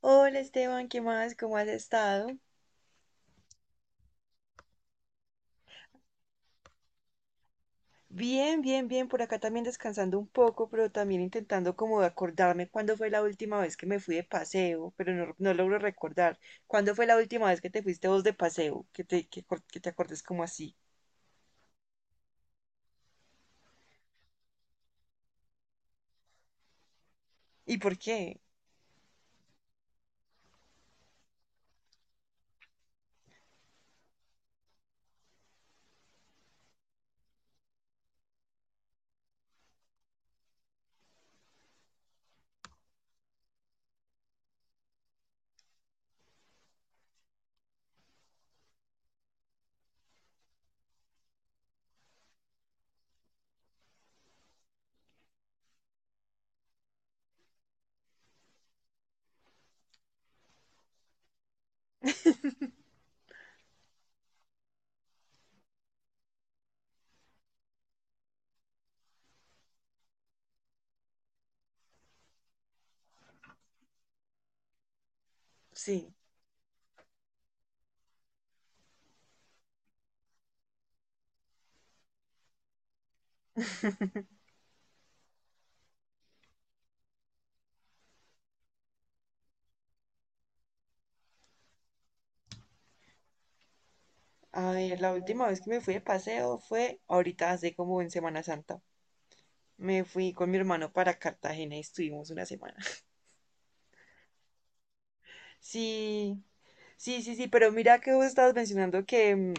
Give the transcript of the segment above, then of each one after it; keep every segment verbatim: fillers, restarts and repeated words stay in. Hola Esteban, ¿qué más? ¿Cómo has estado? Bien, bien, bien, por acá también descansando un poco, pero también intentando como acordarme cuándo fue la última vez que me fui de paseo, pero no, no logro recordar. ¿Cuándo fue la última vez que te fuiste vos de paseo? Que te, que, cor- que te acordes como así. ¿Y por qué? Sí. A ver, la última vez que me fui de paseo fue ahorita, hace como en Semana Santa. Me fui con mi hermano para Cartagena y estuvimos una semana. Sí, sí, sí, sí, pero mira que vos estabas mencionando que, mm,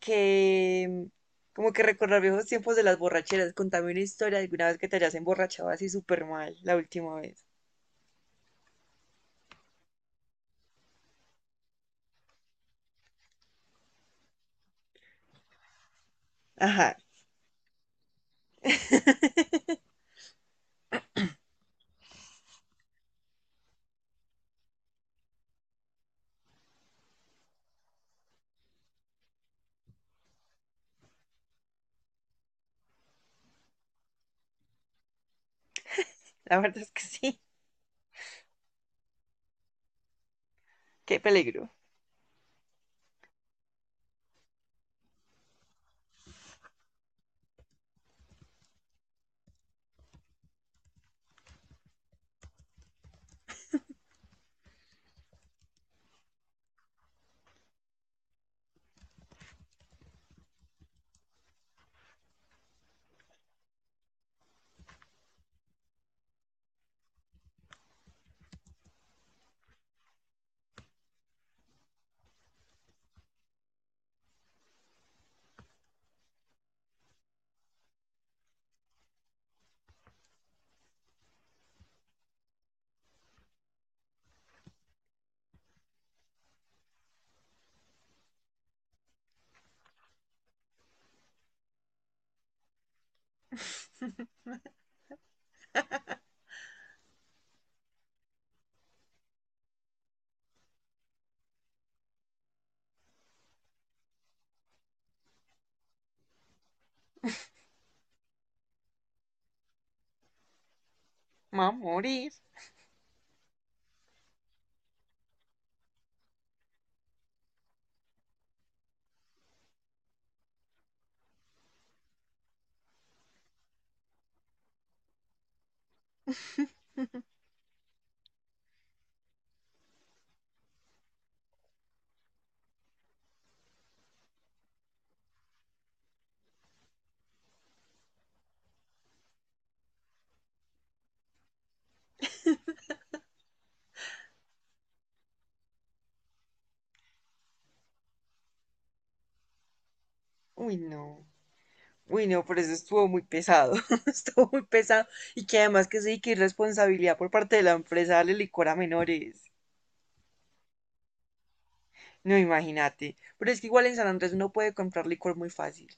que como que recordar viejos tiempos de las borracheras. Contame una historia de alguna vez que te hayas emborrachado así súper mal la última vez. Ajá, la verdad es que sí. Qué peligro. Me voy a morir. Uy, no. Uy, no, por eso estuvo muy pesado. Estuvo muy pesado. Y que además que sí, que irresponsabilidad por parte de la empresa darle licor a menores. No, imagínate. Pero es que igual en San Andrés uno puede comprar licor muy fácil.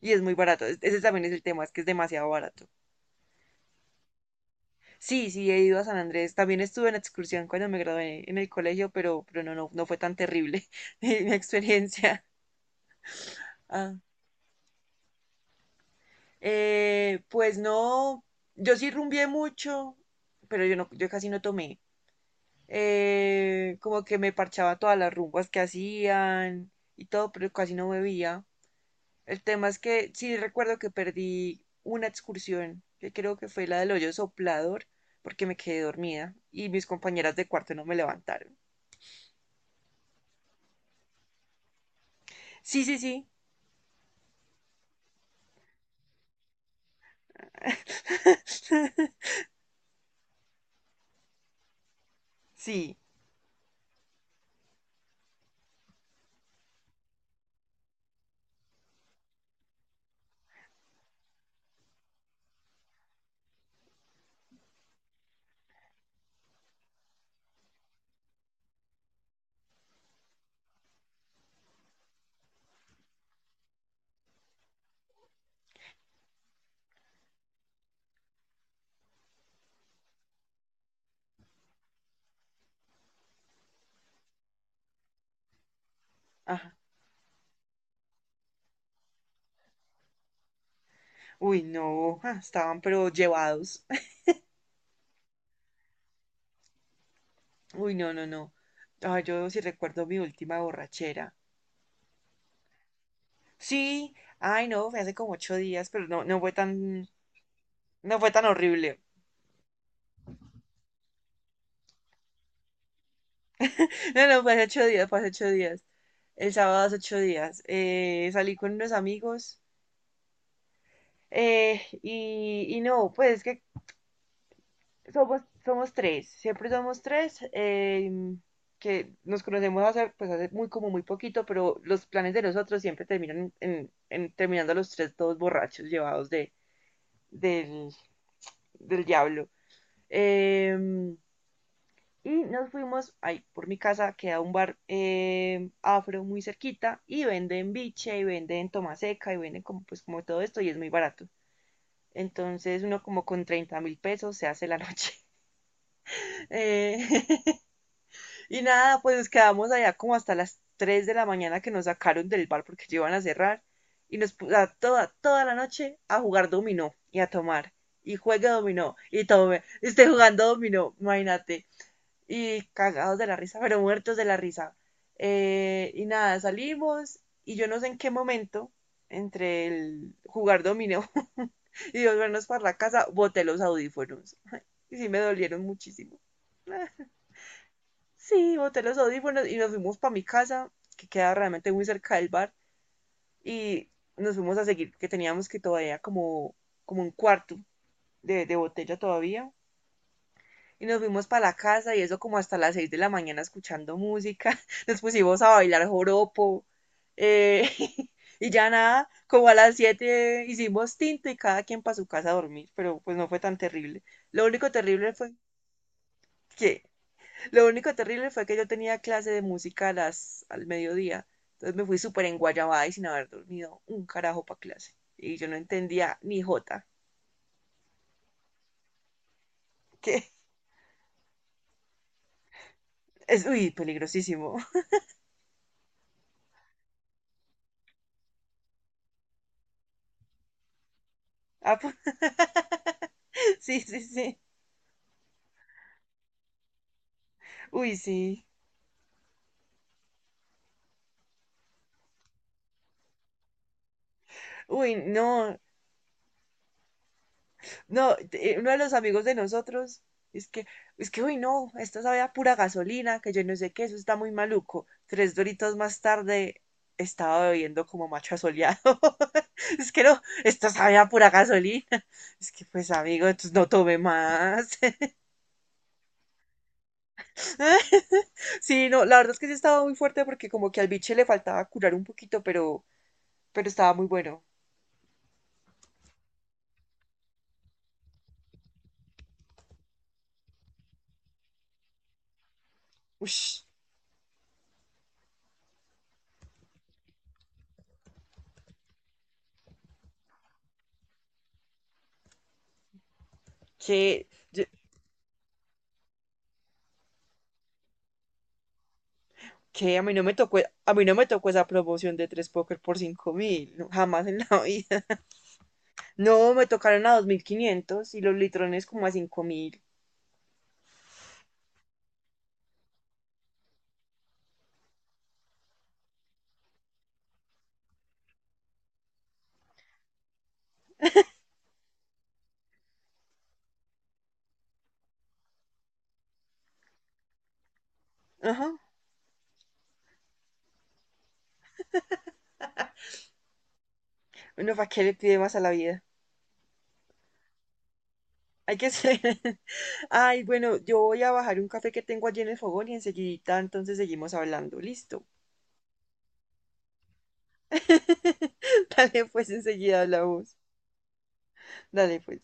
Y es muy barato. Es- Ese también es el tema, es que es demasiado barato. Sí, sí, he ido a San Andrés. También estuve en excursión cuando me gradué en el colegio, pero, pero no, no, no fue tan terrible mi, mi experiencia. Ah, eh, pues no, yo sí rumbié mucho, pero yo no, yo casi no tomé. Eh, como que me parchaba todas las rumbas que hacían y todo, pero casi no bebía. El tema es que sí recuerdo que perdí una excursión, que creo que fue la del hoyo soplador, porque me quedé dormida y mis compañeras de cuarto no me levantaron. Sí, sí, sí. Sí. Ajá. Uy, no. ah, Estaban pero llevados. Uy, no, no, no. Ay, yo sí recuerdo mi última borrachera. Sí. Ay, no, fue hace como ocho días, pero no, no fue tan, no fue tan horrible. No, no, fue hace ocho días, fue hace ocho días. El sábado hace ocho días. Eh, salí con unos amigos. eh, y, y no, pues es que Somos, somos tres, siempre somos tres, eh, que nos conocemos hace, pues hace muy como muy poquito, pero los planes de nosotros siempre terminan en, en- terminando los tres todos borrachos, llevados de, del, del diablo. Eh, y nos fuimos, ahí por mi casa queda un bar eh, afro muy cerquita y venden biche y venden tomaseca y venden como, pues, como todo esto y es muy barato. Entonces uno como con treinta mil pesos se hace la noche. Eh, Y nada, pues nos quedamos allá como hasta las tres de la mañana que nos sacaron del bar porque ya iban a cerrar. Y nos puso a toda, toda la noche a jugar dominó y a tomar. Y juegue dominó y tome. Esté jugando dominó, imagínate. Y cagados de la risa, pero muertos de la risa. Eh, y nada, salimos y yo no sé en qué momento, entre el jugar dominó y volvernos para la casa, boté los audífonos. Y sí me dolieron muchísimo. Ah. Sí, boté los audífonos y nos fuimos para mi casa, que queda realmente muy cerca del bar, y nos fuimos a seguir, que teníamos que todavía como, como un cuarto de, de botella todavía. Y nos fuimos para la casa y eso como hasta las seis de la mañana escuchando música. Nos pusimos a bailar joropo. eh, y ya nada, como a las siete hicimos tinto y cada quien para su casa a dormir, pero pues no fue tan terrible. Lo único terrible fue que Lo único terrible fue que yo tenía clase de música a las, al mediodía. Entonces me fui súper enguayabada y sin haber dormido un carajo para clase. Y yo no entendía ni jota. Que es, uy, peligrosísimo. Ah, pues, sí, sí, sí. Uy, sí. Uy, no. No, eh, uno de los amigos de nosotros es que, es que, uy, no, esto sabe a pura gasolina, que yo no sé qué, eso está muy maluco. Tres doritos más tarde estaba bebiendo como macho asoleado. Es que no, esto sabe a pura gasolina. Es que, pues, amigo, entonces no tome más. Sí, no, la verdad es que sí estaba muy fuerte porque como que al biche le faltaba curar un poquito, pero, pero estaba muy bueno. Ush, que, que a mí no me tocó, a mí no me tocó esa promoción de tres póker por cinco mil, no, jamás en la vida. No, me tocaron a dos mil quinientos y los litrones como a cinco mil. Ajá. Bueno, ¿para qué le pide más a la vida? Hay que ser. Ay, bueno, yo voy a bajar un café que tengo allí en el fogón y enseguidita entonces seguimos hablando. Listo. Dale, pues enseguida hablamos. Dale, pues.